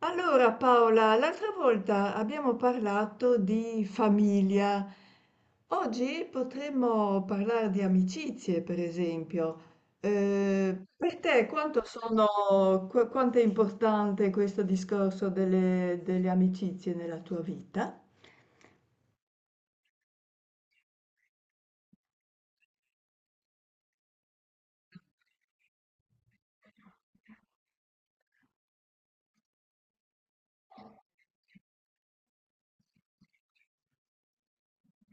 Allora Paola, l'altra volta abbiamo parlato di famiglia. Oggi potremmo parlare di amicizie, per esempio. Per te quanto sono, quanto è importante questo discorso delle amicizie nella tua vita?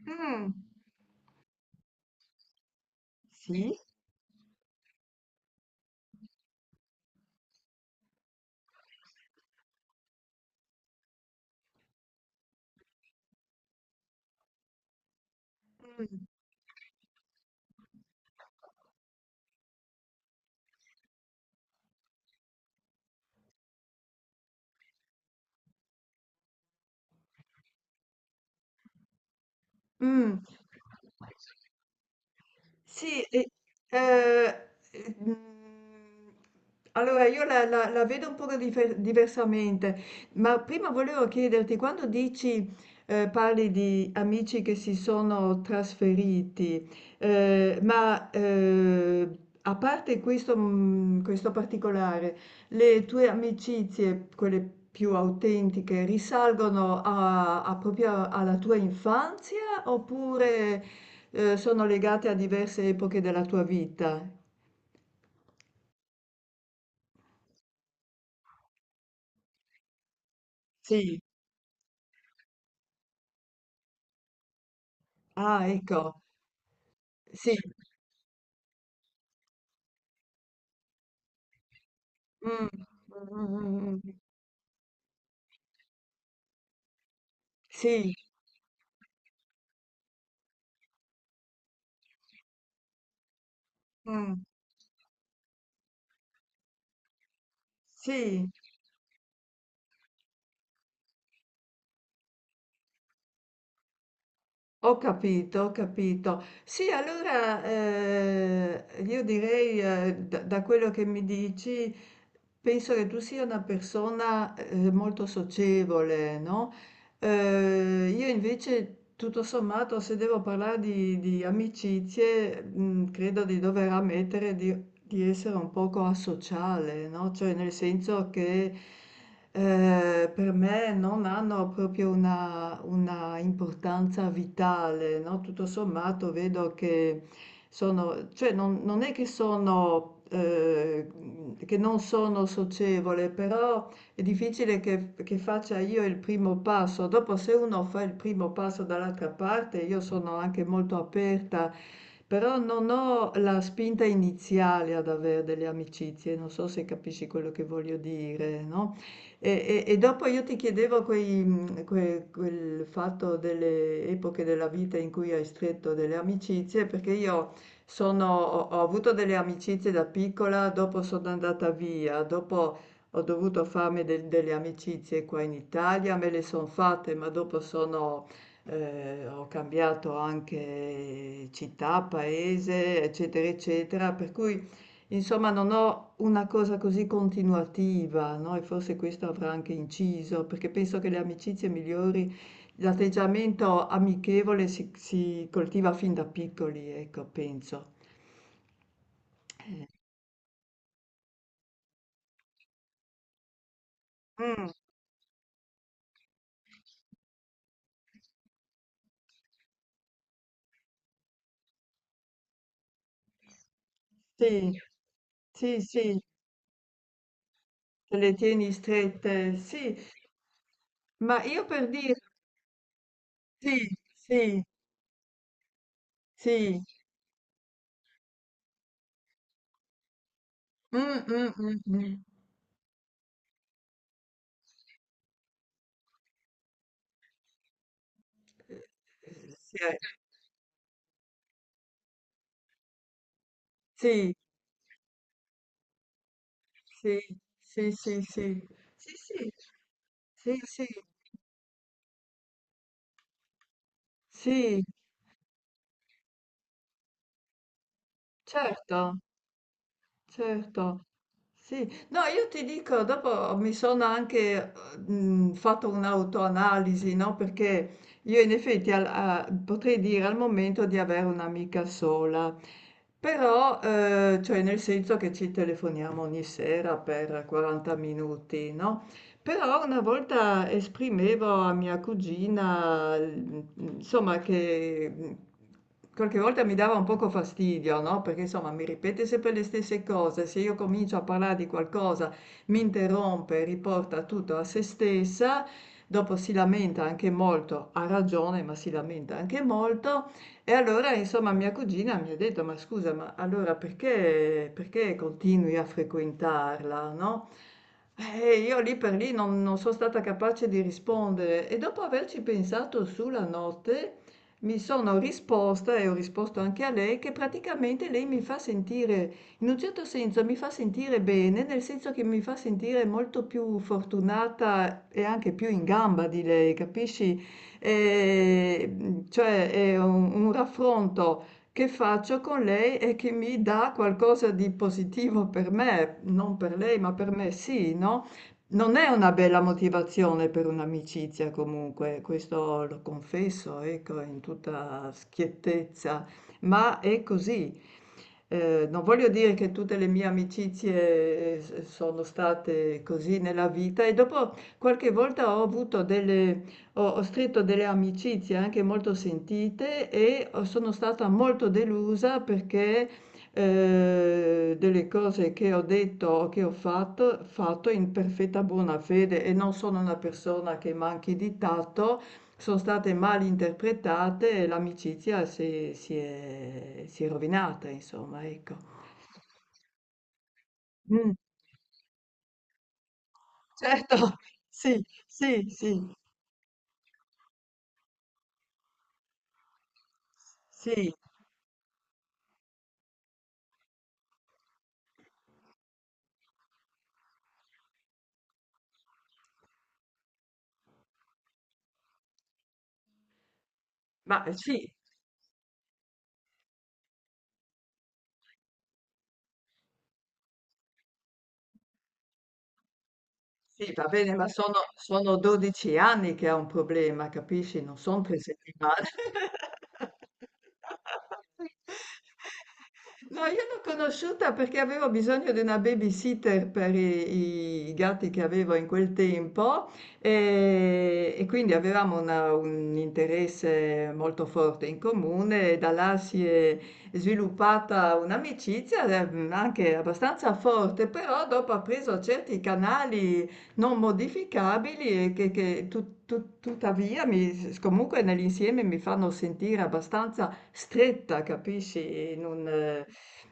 Mm. Sì. Mm. Mm. Sì, e, eh, eh, mm, allora io la vedo un po' diversamente, ma prima volevo chiederti, quando dici, parli di amici che si sono trasferiti, eh, ma eh, a parte questo, questo particolare, le tue amicizie, quelle più autentiche, risalgono a proprio alla tua infanzia oppure, sono legate a diverse epoche della tua vita? Sì, ah ecco, sì. Mh. Mh, mh, mh, mh. Sì, mh. Sì. Ho capito, ho capito. Sì, allora io direi, eh, da quello che mi dici, penso che tu sia una persona molto socievole, no? Io invece, tutto sommato, se devo parlare di amicizie, credo di dover ammettere di essere un poco asociale, no? Cioè, nel senso che per me non hanno proprio una importanza vitale, no, tutto sommato vedo che sono cioè non è che sono che non sono socievole, però è difficile che faccia io il primo passo. Dopo se uno fa il primo passo dall'altra parte, io sono anche molto aperta, però non ho la spinta iniziale ad aver delle amicizie, non so se capisci quello che voglio dire, no? E, e dopo io ti chiedevo quei, mh, quel fatto delle epoche della vita in cui hai stretto delle amicizie, perché io ho, ho avuto delle amicizie da piccola, dopo sono andata via, dopo ho dovuto farmi delle amicizie qua in Italia, me le sono fatte, ma dopo sono, ho cambiato anche città, paese, eccetera, eccetera, per cui... Insomma, non ho una cosa così continuativa, no? E forse questo avrà anche inciso, perché penso che le amicizie migliori, l'atteggiamento amichevole si coltiva fin da piccoli, ecco, penso. Mm. Sì, sì, sì, te le tieni strette, sì. Ma io per dire, sì, sì, sì, mm, mm, mm, mm. Sì, eh, sì, sì, sì, sì, sì, sì, sì. Sì, sì, sì, certo, certo. Sì. No, io ti dico, dopo mi sono anche fatto un'autoanalisi, no? Perché io in effetti potrei dire al momento di avere un'amica sola. Però, cioè nel senso che ci telefoniamo ogni sera per 40 minuti, no, però una volta esprimevo a mia cugina, insomma che, qualche volta mi dava un poco fastidio, no, perché insomma mi ripete sempre le stesse cose, se io comincio a parlare di qualcosa mi interrompe, riporta tutto a se stessa, dopo si lamenta anche molto, ha ragione, ma si lamenta anche molto e allora, insomma, mia cugina mi ha detto: "Ma scusa, ma allora perché continui a frequentarla, no?" Io lì per lì non so' stata capace di rispondere e dopo averci pensato su la notte, mi sono risposta e ho risposto anche a lei, che praticamente lei mi fa sentire in un certo senso mi fa sentire bene, nel senso che mi fa sentire molto più fortunata e anche più in gamba di lei, capisci? Cioè è un raffronto che faccio con lei e che mi dà qualcosa di positivo per me, non per lei, ma per me sì, no? Non è una bella motivazione per un'amicizia comunque, questo lo confesso, ecco, in tutta schiettezza, ma è così. Non voglio dire che tutte le mie amicizie sono state così nella vita e dopo qualche volta ho avuto delle ho stretto delle amicizie anche molto sentite e ho sono stata molto delusa perché, delle cose che ho detto o che ho fatto in perfetta buona fede e non sono una persona che manchi di tatto, son state mal interpretate e l'amicizia si è rovinata insomma, ecco. Mh, certo, sì, sì, sì, sì, ma sì. Sì, va bene, ma sono, sono 12 anni che ha un problema, capisci? Non sono 3 settimane. No, io l'ho conosciuta perché avevo bisogno di una babysitter per i, i gatti che avevo in quel tempo e quindi avevamo un interesse molto forte in comune e da là si è sviluppata un'amicizia anche abbastanza forte, però dopo ha preso certi canali non modificabili e che tuttavia comunque nell'insieme mi fanno sentire abbastanza stretta, capisci? In un,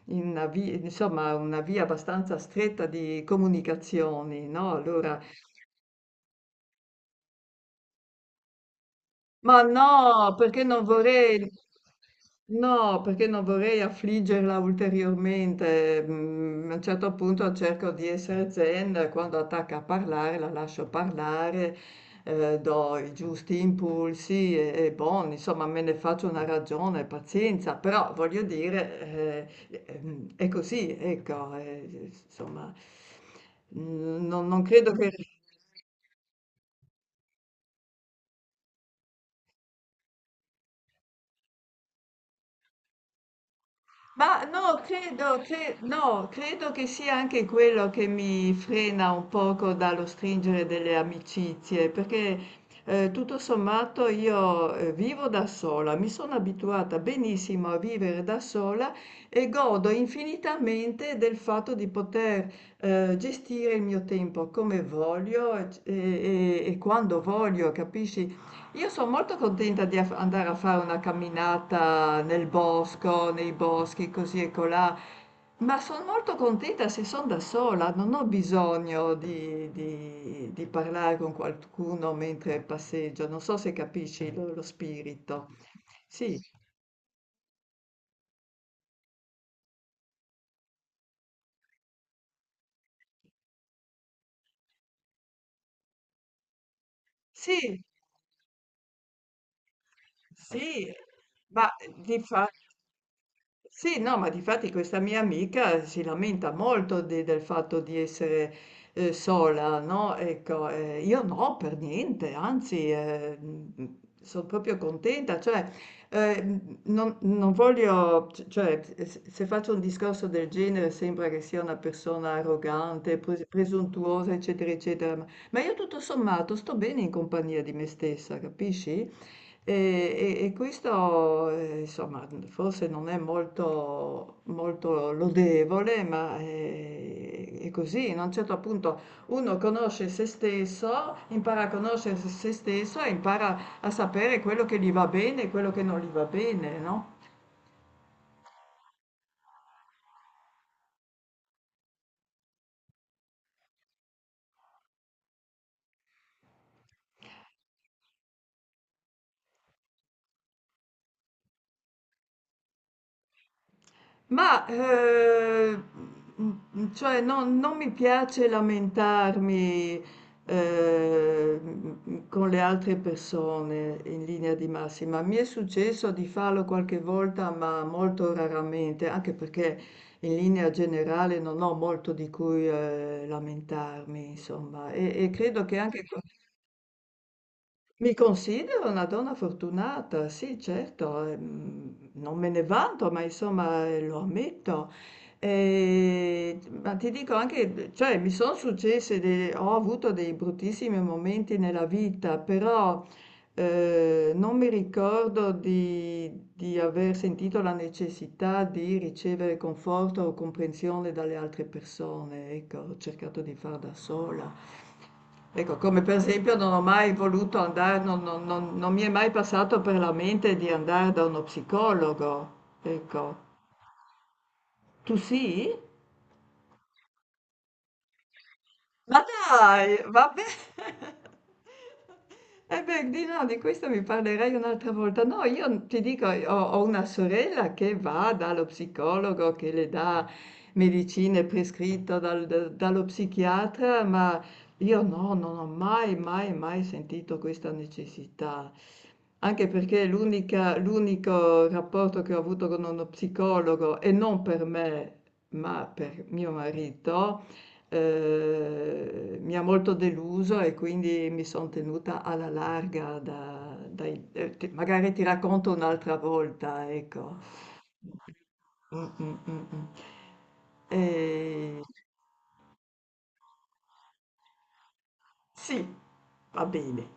in una vi insomma una via abbastanza stretta di comunicazioni, no, allora. Ma no, perché non vorrei no, perché non vorrei affliggerla ulteriormente. Mm. A un certo punto cerco di essere zen, quando attacca a parlare la lascio parlare, do i giusti impulsi e buon, insomma, me ne faccio una ragione, pazienza, però voglio dire, è così, ecco, insomma, mm, non credo che... Ma no, credo, no, credo che sia anche quello che mi frena un poco dallo stringere delle amicizie, perché tutto sommato io vivo da sola, mi sono abituata benissimo a vivere da sola e godo infinitamente del fatto di poter gestire il mio tempo come voglio e, e quando voglio, capisci? Io sono molto contenta di andare a fare una camminata nel bosco, nei boschi, così e colà, ma sono molto contenta se sono da sola, non ho bisogno di parlare con qualcuno mentre passeggio, non so se capisci lo, lo spirito. Sì, sì, sì, ma di fa- sì, no, ma difatti questa mia amica si lamenta molto del fatto di essere sola, no? Ecco, io no, per niente, anzi, sono proprio contenta, cioè, non, non voglio, cioè, se faccio un discorso del genere sembra che sia una persona arrogante, presuntuosa, eccetera, eccetera, ma io tutto sommato sto bene in compagnia di me stessa, capisci? E, e questo, insomma, forse non è molto, molto lodevole, ma è, così. A un certo punto uno conosce se stesso, impara a conoscere se stesso e impara a sapere quello che gli va bene e quello che non gli va bene, no? Ma, cioè non mi piace lamentarmi, con le altre persone in linea di massima. Mi è successo di farlo qualche volta, ma molto raramente, anche perché in linea generale non ho molto di cui, lamentarmi, insomma. E credo che anche mi considero una donna fortunata, sì, certo, non me ne vanto, ma insomma lo ammetto. Ma ti dico anche, cioè, mi sono successe, ho avuto dei bruttissimi momenti nella vita, però non mi ricordo di aver sentito la necessità di ricevere conforto o comprensione dalle altre persone, ecco, ho cercato di far da sola. Ecco, come per esempio non ho mai voluto andare, non mi è mai passato per la mente di andare da uno psicologo. Ecco, tu sì? Ma dai, vabbè. Eh beh, di no, di questo mi parlerai un'altra volta. No, io ti dico, ho, ho una sorella che va dallo psicologo che le dà medicine prescritte dallo psichiatra, ma io no, non ho mai, mai, mai sentito questa necessità. Anche perché l'unico rapporto che ho avuto con uno psicologo, e non per me, ma per mio marito, mi ha molto deluso e quindi mi son tenuta alla larga da dai t magari ti racconto un'altra volta, ecco. Mh, mh, mh, mh. Ehm, sì, va bene.